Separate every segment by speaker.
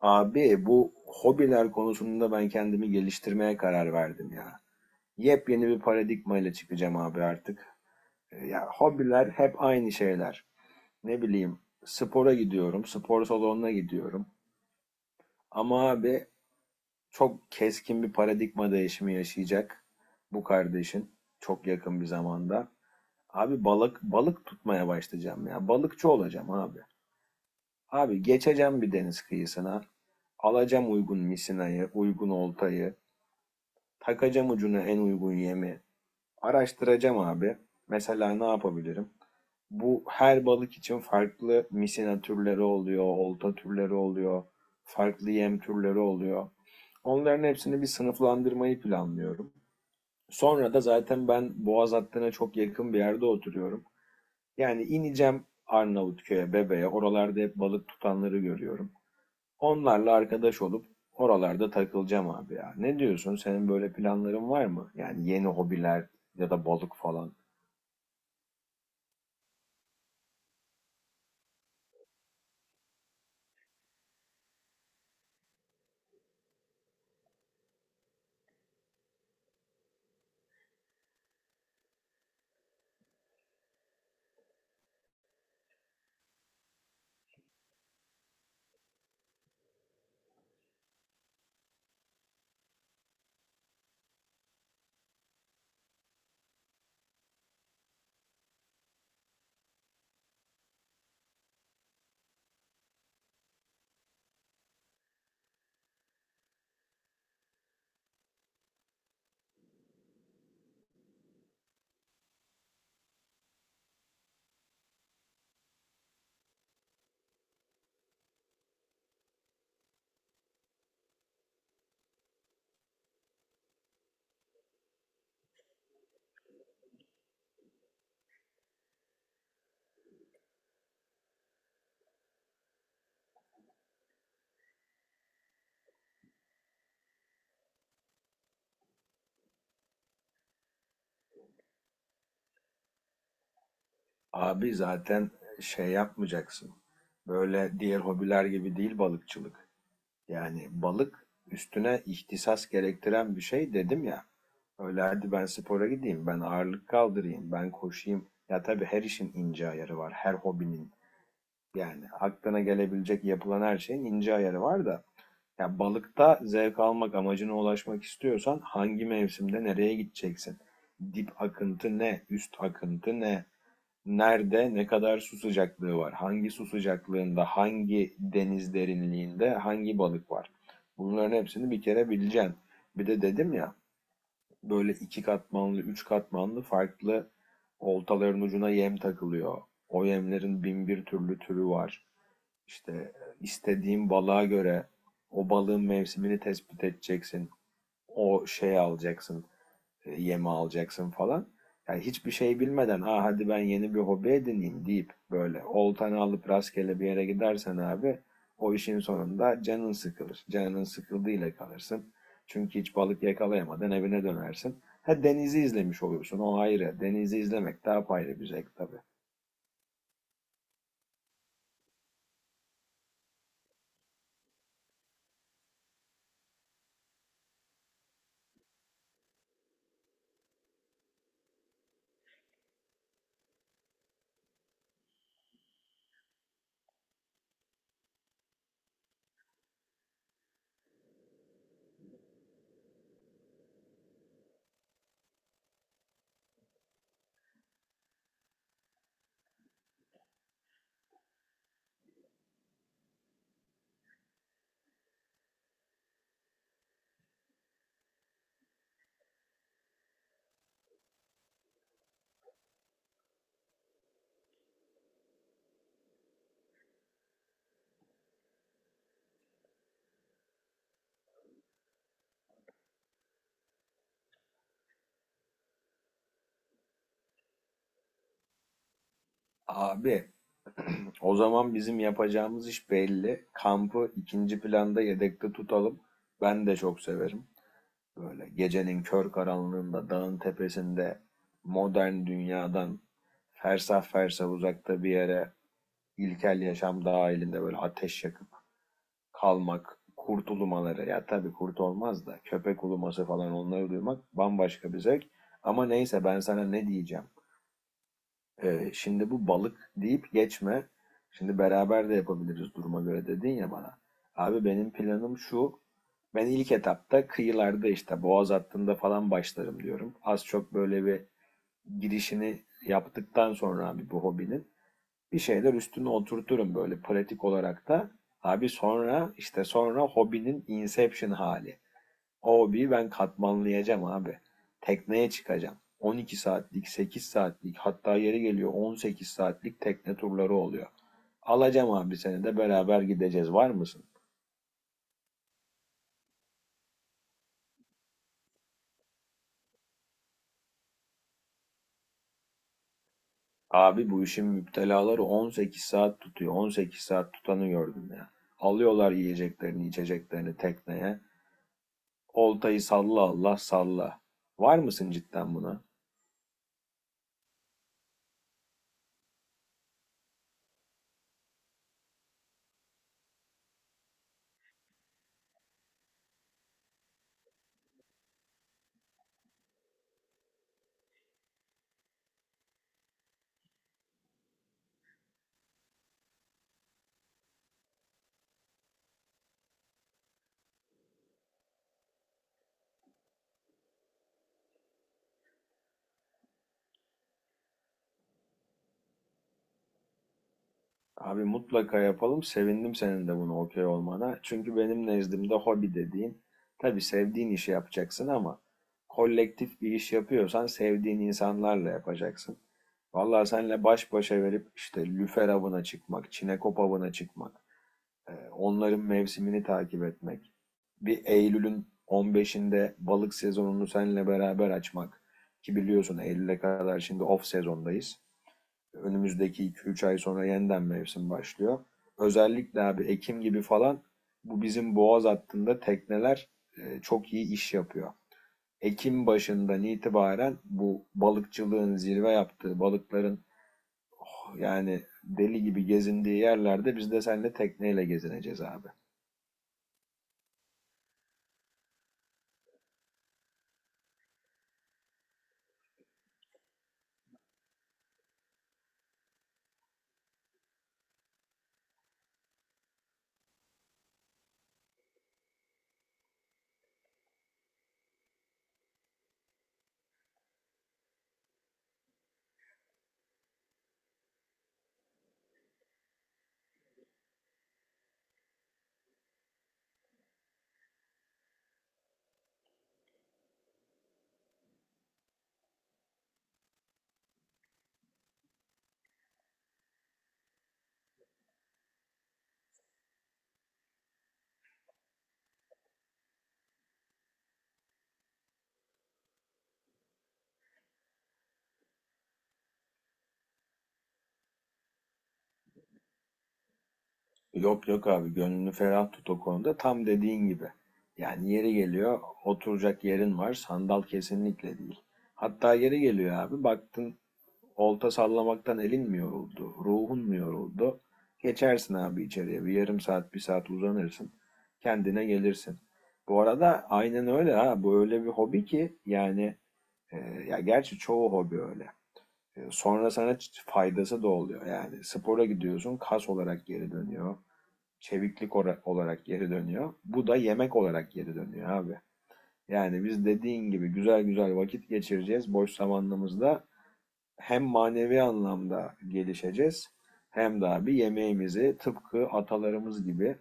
Speaker 1: Abi bu hobiler konusunda ben kendimi geliştirmeye karar verdim ya. Yepyeni bir paradigma ile çıkacağım abi artık. Ya hobiler hep aynı şeyler. Ne bileyim spora gidiyorum, spor salonuna gidiyorum. Ama abi çok keskin bir paradigma değişimi yaşayacak bu kardeşin çok yakın bir zamanda. Abi balık tutmaya başlayacağım ya. Balıkçı olacağım abi. Abi geçeceğim bir deniz kıyısına. Alacağım uygun misinayı, uygun oltayı. Takacağım ucuna en uygun yemi. Araştıracağım abi. Mesela ne yapabilirim? Bu her balık için farklı misina türleri oluyor, olta türleri oluyor, farklı yem türleri oluyor. Onların hepsini bir sınıflandırmayı planlıyorum. Sonra da zaten ben Boğaz hattına çok yakın bir yerde oturuyorum. Yani ineceğim Arnavutköy'e, Bebe'ye. Oralarda hep balık tutanları görüyorum. Onlarla arkadaş olup oralarda takılacağım abi ya. Ne diyorsun? Senin böyle planların var mı? Yani yeni hobiler ya da balık falan. Abi zaten şey yapmayacaksın. Böyle diğer hobiler gibi değil balıkçılık. Yani balık üstüne ihtisas gerektiren bir şey dedim ya. Öyle hadi ben spora gideyim, ben ağırlık kaldırayım, ben koşayım. Ya tabii her işin ince ayarı var, her hobinin. Yani aklına gelebilecek yapılan her şeyin ince ayarı var da. Yani balıkta zevk almak amacına ulaşmak istiyorsan hangi mevsimde nereye gideceksin? Dip akıntı ne? Üst akıntı ne? Nerede ne kadar su sıcaklığı var? Hangi su sıcaklığında, hangi deniz derinliğinde hangi balık var? Bunların hepsini bir kere bileceksin. Bir de dedim ya böyle iki katmanlı, üç katmanlı farklı oltaların ucuna yem takılıyor. O yemlerin bin bir türlü türü var. İşte istediğin balığa göre o balığın mevsimini tespit edeceksin. O şeyi alacaksın, yemi alacaksın falan. Yani hiçbir şey bilmeden, ah hadi ben yeni bir hobi edineyim deyip böyle oltanı alıp rastgele bir yere gidersen abi o işin sonunda canın sıkılır. Canın sıkıldığıyla kalırsın. Çünkü hiç balık yakalayamadın evine dönersin. Ha denizi izlemiş olursun o ayrı. Denizi izlemek daha ayrı bir zevk tabii. Abi o zaman bizim yapacağımız iş belli. Kampı ikinci planda yedekte tutalım. Ben de çok severim. Böyle gecenin kör karanlığında dağın tepesinde modern dünyadan fersah fersah uzakta bir yere ilkel yaşam dahilinde böyle ateş yakıp kalmak, kurt ulumaları ya tabii kurt olmaz da köpek uluması falan onları duymak bambaşka bir zevk. Ama neyse ben sana ne diyeceğim. Şimdi bu balık deyip geçme. Şimdi beraber de yapabiliriz duruma göre dedin ya bana. Abi benim planım şu. Ben ilk etapta kıyılarda işte boğaz hattında falan başlarım diyorum. Az çok böyle bir girişini yaptıktan sonra abi bu hobinin bir şeyler üstüne oturturum böyle pratik olarak da. Abi sonra işte sonra hobinin inception hali. O hobiyi ben katmanlayacağım abi. Tekneye çıkacağım. 12 saatlik, 8 saatlik hatta yeri geliyor 18 saatlik tekne turları oluyor. Alacağım abi seni de beraber gideceğiz. Var mısın? Abi bu işin müptelaları 18 saat tutuyor. 18 saat tutanı gördüm ya. Alıyorlar yiyeceklerini, içeceklerini tekneye. Oltayı salla Allah salla. Var mısın cidden buna? Abi mutlaka yapalım. Sevindim senin de buna okey olmana. Çünkü benim nezdimde hobi dediğin, tabii sevdiğin işi yapacaksın ama kolektif bir iş yapıyorsan sevdiğin insanlarla yapacaksın. Vallahi senle baş başa verip işte lüfer avına çıkmak, çinekop avına çıkmak, onların mevsimini takip etmek, bir Eylül'ün 15'inde balık sezonunu seninle beraber açmak ki biliyorsun Eylül'e kadar şimdi off sezondayız. Önümüzdeki iki üç ay sonra yeniden mevsim başlıyor. Özellikle abi Ekim gibi falan bu bizim boğaz hattında tekneler çok iyi iş yapıyor. Ekim başından itibaren bu balıkçılığın zirve yaptığı balıkların yani deli gibi gezindiği yerlerde biz de seninle tekneyle gezineceğiz abi. Yok yok abi gönlünü ferah tut o konuda tam dediğin gibi. Yani yeri geliyor oturacak yerin var sandal kesinlikle değil. Hatta yeri geliyor abi baktın olta sallamaktan elin mi yoruldu, ruhun mu yoruldu? Geçersin abi içeriye. Bir yarım saat, bir saat uzanırsın. Kendine gelirsin. Bu arada aynen öyle ha. Bu öyle bir hobi ki yani e, ya gerçi çoğu hobi öyle. Sonra sana faydası da oluyor. Yani spora gidiyorsun, kas olarak geri dönüyor. Çeviklik olarak geri dönüyor. Bu da yemek olarak geri dönüyor abi. Yani biz dediğin gibi güzel güzel vakit geçireceğiz boş zamanımızda hem manevi anlamda gelişeceğiz hem de abi yemeğimizi tıpkı atalarımız gibi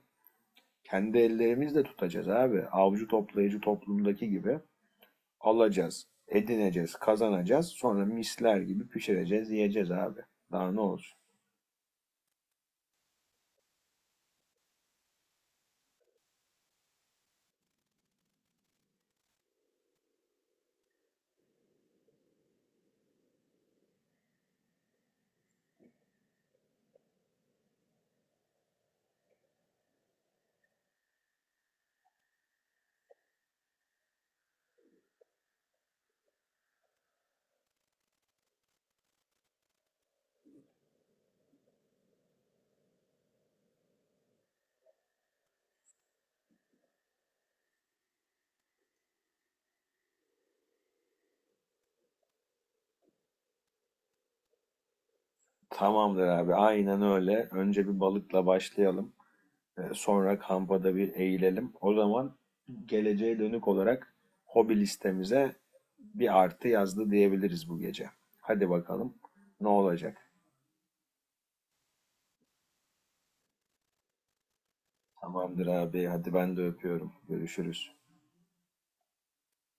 Speaker 1: kendi ellerimizle tutacağız abi. Avcı toplayıcı toplumdaki gibi alacağız, edineceğiz, kazanacağız. Sonra misler gibi pişireceğiz, yiyeceğiz abi. Daha ne olsun? Tamamdır abi, aynen öyle. Önce bir balıkla başlayalım. Sonra kampa da bir eğilelim. O zaman geleceğe dönük olarak hobi listemize bir artı yazdı diyebiliriz bu gece. Hadi bakalım ne olacak. Tamamdır abi. Hadi ben de öpüyorum. Görüşürüz.